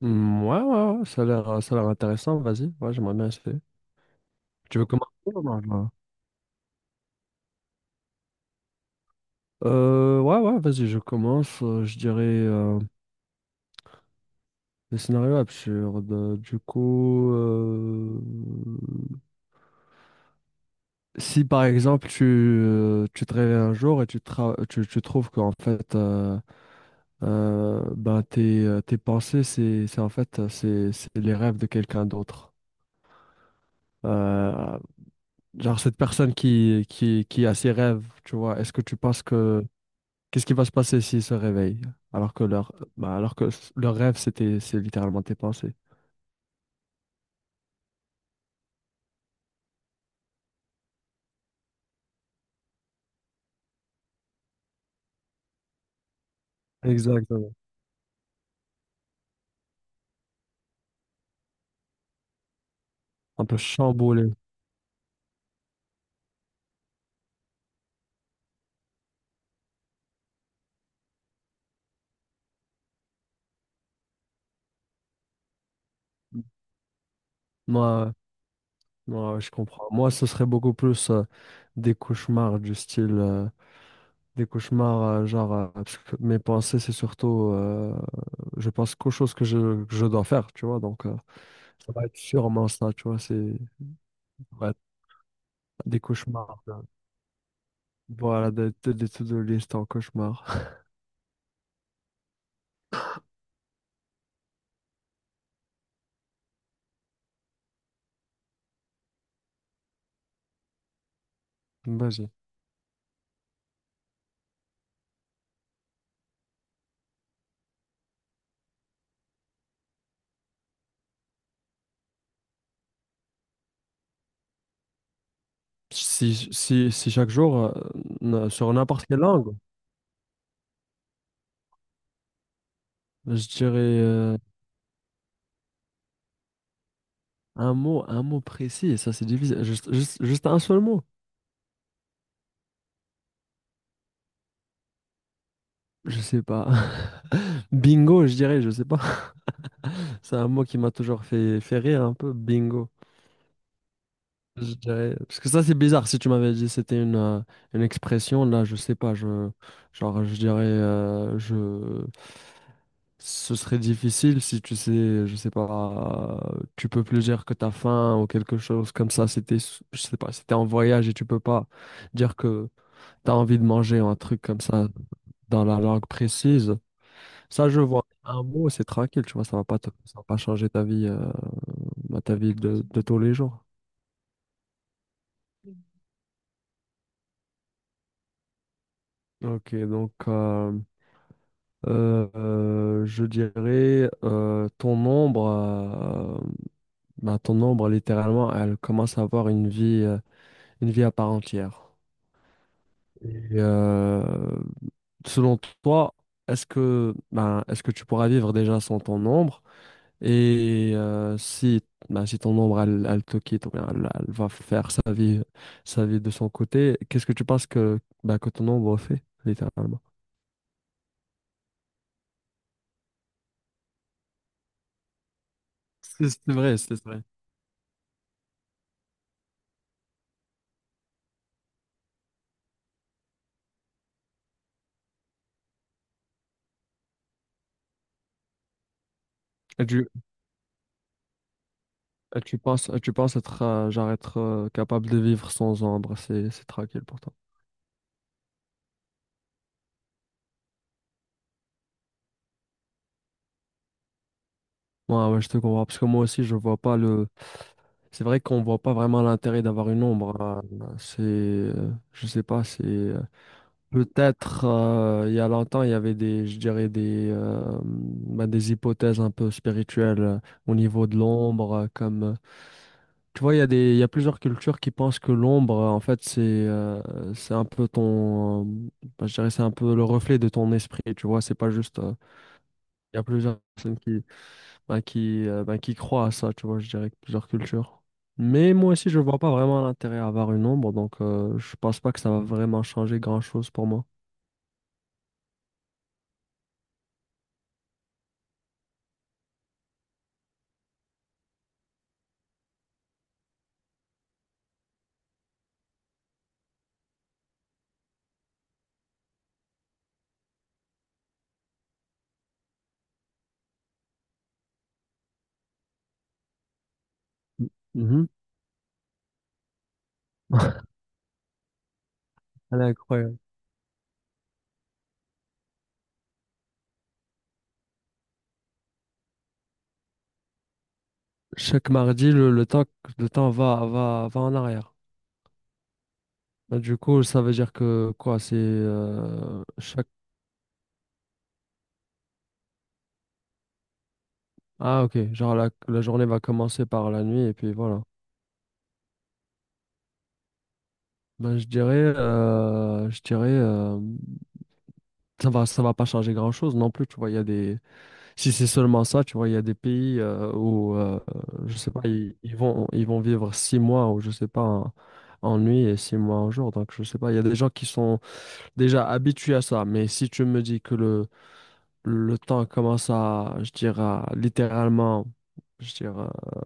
Hmm, ouais, ouais, ouais, ça a l'air intéressant, vas-y, ouais, j'aimerais bien essayer. Tu veux commencer? Ou non, non. Ouais, ouais, vas-y, je commence, je dirais des scénarios absurdes. Du coup, si par exemple tu te réveilles un jour et tu trouves qu'en fait, ben, tes pensées, c'est en fait, c'est les rêves de quelqu'un d'autre. Euh, genre cette personne qui a ses rêves, tu vois, est-ce que tu penses que qu'est-ce qui va se passer s'ils se réveillent alors que leur, bah, leur rêve, c'est littéralement tes pensées. Exactement. Un peu chamboulé. Moi, moi, je comprends. Moi, ce serait beaucoup plus des cauchemars du style, des cauchemars genre, parce que mes pensées, c'est surtout, je pense qu'aux choses que je dois faire, tu vois. Donc, ça va être sûrement ça, tu vois. C'est Ça va être des cauchemars. Voilà, des to-do list en cauchemar. Vas-y. Si chaque jour, sur n'importe quelle langue, je dirais un mot précis, et ça c'est difficile. Juste un seul mot, je sais pas. Bingo, je dirais, je sais pas. C'est un mot qui m'a toujours fait rire un peu, bingo. Je dirais, parce que ça c'est bizarre, si tu m'avais dit c'était une expression, là je sais pas, genre je dirais, ce serait difficile si tu sais, je sais pas, tu peux plus dire que t'as faim ou quelque chose comme ça. C'était, je sais pas, c'était en voyage et tu peux pas dire que t'as envie de manger ou un truc comme ça dans la langue précise. Ça, je vois. Un mot, c'est tranquille, tu vois, ça va pas changer ta vie de tous les jours. Ok, donc je dirais ton ombre, bah, ton ombre littéralement, elle commence à avoir une vie. Une vie à part entière. Et selon toi, ben, est-ce que tu pourras vivre déjà sans ton ombre? Et si, ben, si ton ombre, elle te quitte, ou bien elle va faire sa vie de son côté, qu'est-ce que tu penses ben, que ton ombre fait, littéralement? C'est vrai, c'est vrai. Et tu, et tu penses être, genre être capable de vivre sans ombre, c'est tranquille pour toi. Ouais, ouais, je te comprends, parce que moi aussi, je vois pas. Le C'est vrai qu'on voit pas vraiment l'intérêt d'avoir une ombre, hein. C'est, je sais pas, c'est Peut-être il y a longtemps, il y avait je dirais des, bah, des hypothèses un peu spirituelles au niveau de l'ombre, comme tu vois, il y a plusieurs cultures qui pensent que l'ombre, en fait, c'est un peu bah, je dirais, c'est un peu le reflet de ton esprit. Tu vois, c'est pas juste. Il y a plusieurs personnes qui bah, bah, qui croient à ça, tu vois, je dirais, que plusieurs cultures. Mais moi aussi, je vois pas vraiment l'intérêt à avoir une ombre, donc je pense pas que ça va vraiment changer grand-chose pour moi. Mhm. Elle est incroyable. Chaque mardi, le temps va en arrière. Bah, du coup, ça veut dire que quoi, c'est chaque... Ah, ok, genre la journée va commencer par la nuit et puis voilà. Ben, je dirais, ça va pas changer grand-chose non plus. Tu vois, il y a des, si c'est seulement ça, tu vois, il y a des pays où, je sais pas, ils vont vivre 6 mois ou je sais pas, en nuit et 6 mois en jour. Donc, je sais pas, il y a des gens qui sont déjà habitués à ça. Mais si tu me dis que le temps commence à, je dirais, littéralement, je dirais,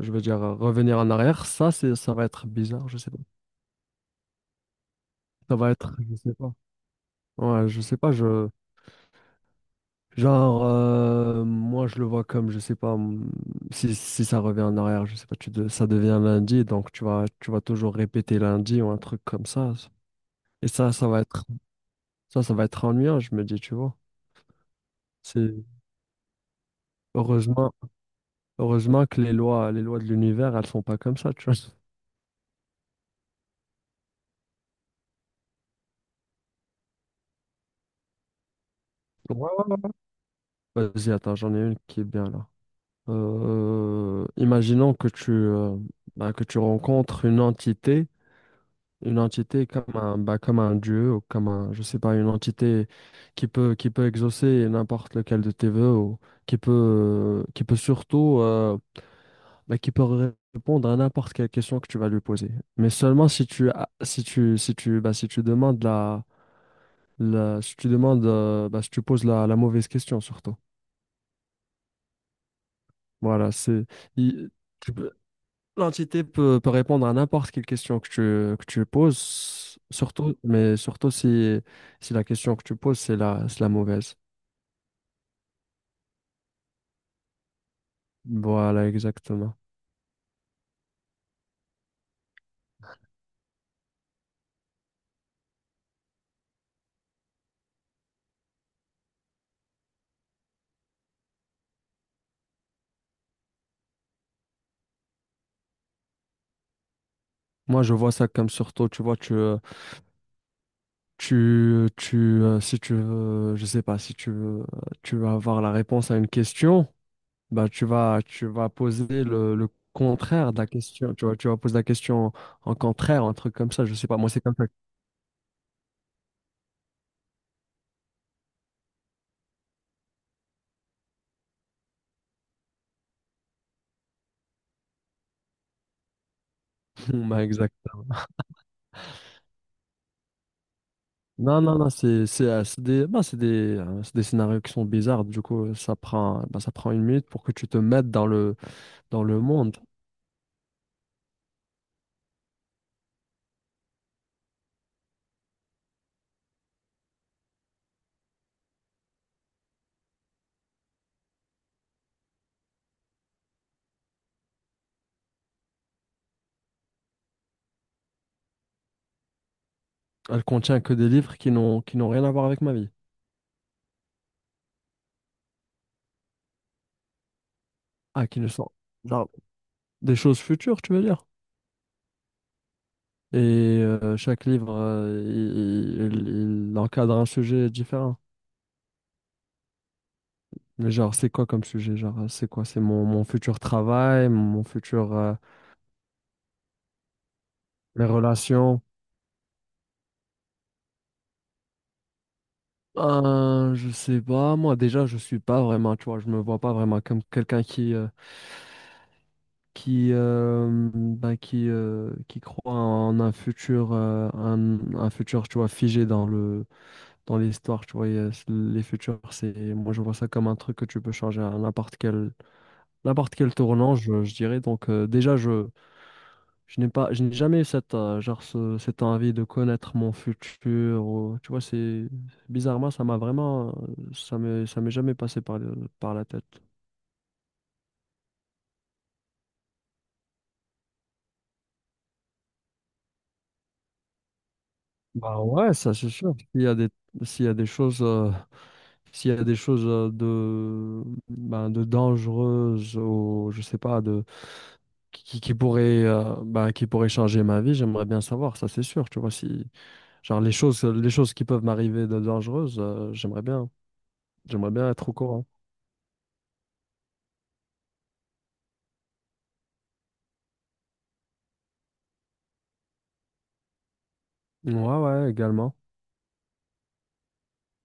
je veux dire, revenir en arrière, ça va être bizarre, je sais pas. Ça va être, je sais pas. Ouais, je sais pas, je. Genre, moi je le vois comme, je sais pas, si ça revient en arrière, je sais pas, ça devient lundi, donc tu vas toujours répéter lundi ou un truc comme ça. Et ça, ça va être ennuyant, je me dis, tu vois. C'est heureusement, Heureusement que les lois de l'univers, elles sont pas comme ça, tu vois. Ouais, ouais, ouais. Vas-y, attends, j'en ai une qui est bien là. Imaginons bah, que tu rencontres une entité. Une entité comme un, bah, comme un dieu ou comme un, je sais pas, une entité qui peut exaucer n'importe lequel de tes vœux ou qui peut surtout, bah, répondre à n'importe quelle question que tu vas lui poser. Mais seulement si tu, a- si tu, si tu, bah, si tu demandes bah, si tu poses la mauvaise question surtout. Voilà, il- l'entité peut répondre à n'importe quelle question que tu poses, surtout, mais surtout si la question que tu poses, c'est la mauvaise. Voilà, exactement. Moi, je vois ça comme surtout, tu vois, tu, tu, si tu veux, je sais pas, si tu veux, tu vas avoir la réponse à une question, bah, tu vas poser le contraire de la question, tu vois, tu vas poser la question en contraire, un truc comme ça, je sais pas, moi, c'est comme ça. Bah, exact. Non, non, non, bah, c'est des scénarios qui sont bizarres. Du coup, bah, ça prend une minute pour que tu te mettes dans le monde. Elle contient que des livres qui n'ont rien à voir avec ma vie. Ah, qui ne sont, genre, des choses futures, tu veux dire. Et chaque livre, il encadre un sujet différent. Mais genre, c'est quoi comme sujet? Genre, c'est quoi? C'est mon futur travail, mes relations. Je sais pas, moi déjà je suis pas vraiment, tu vois, je me vois pas vraiment comme quelqu'un qui ben, qui croit en un futur un futur tu vois figé dans l'histoire, tu vois, les futurs c'est moi je vois ça comme un truc que tu peux changer à n'importe quel tournant, je dirais. Donc déjà je n'ai pas, je n'ai jamais eu genre cette envie de connaître mon futur. Tu vois, c'est bizarrement, ça m'est jamais passé par la tête. Bah ouais, ça c'est sûr. S'il y a des, s'il y a des choses, S'il y a des choses ben, de dangereuses ou je sais pas, de qui pourraient, ben, qui pourraient changer ma vie, j'aimerais bien savoir. Ça c'est sûr. Tu vois, si genre les choses qui peuvent m'arriver de dangereuses, j'aimerais bien être au courant. Ouais, ouais, également.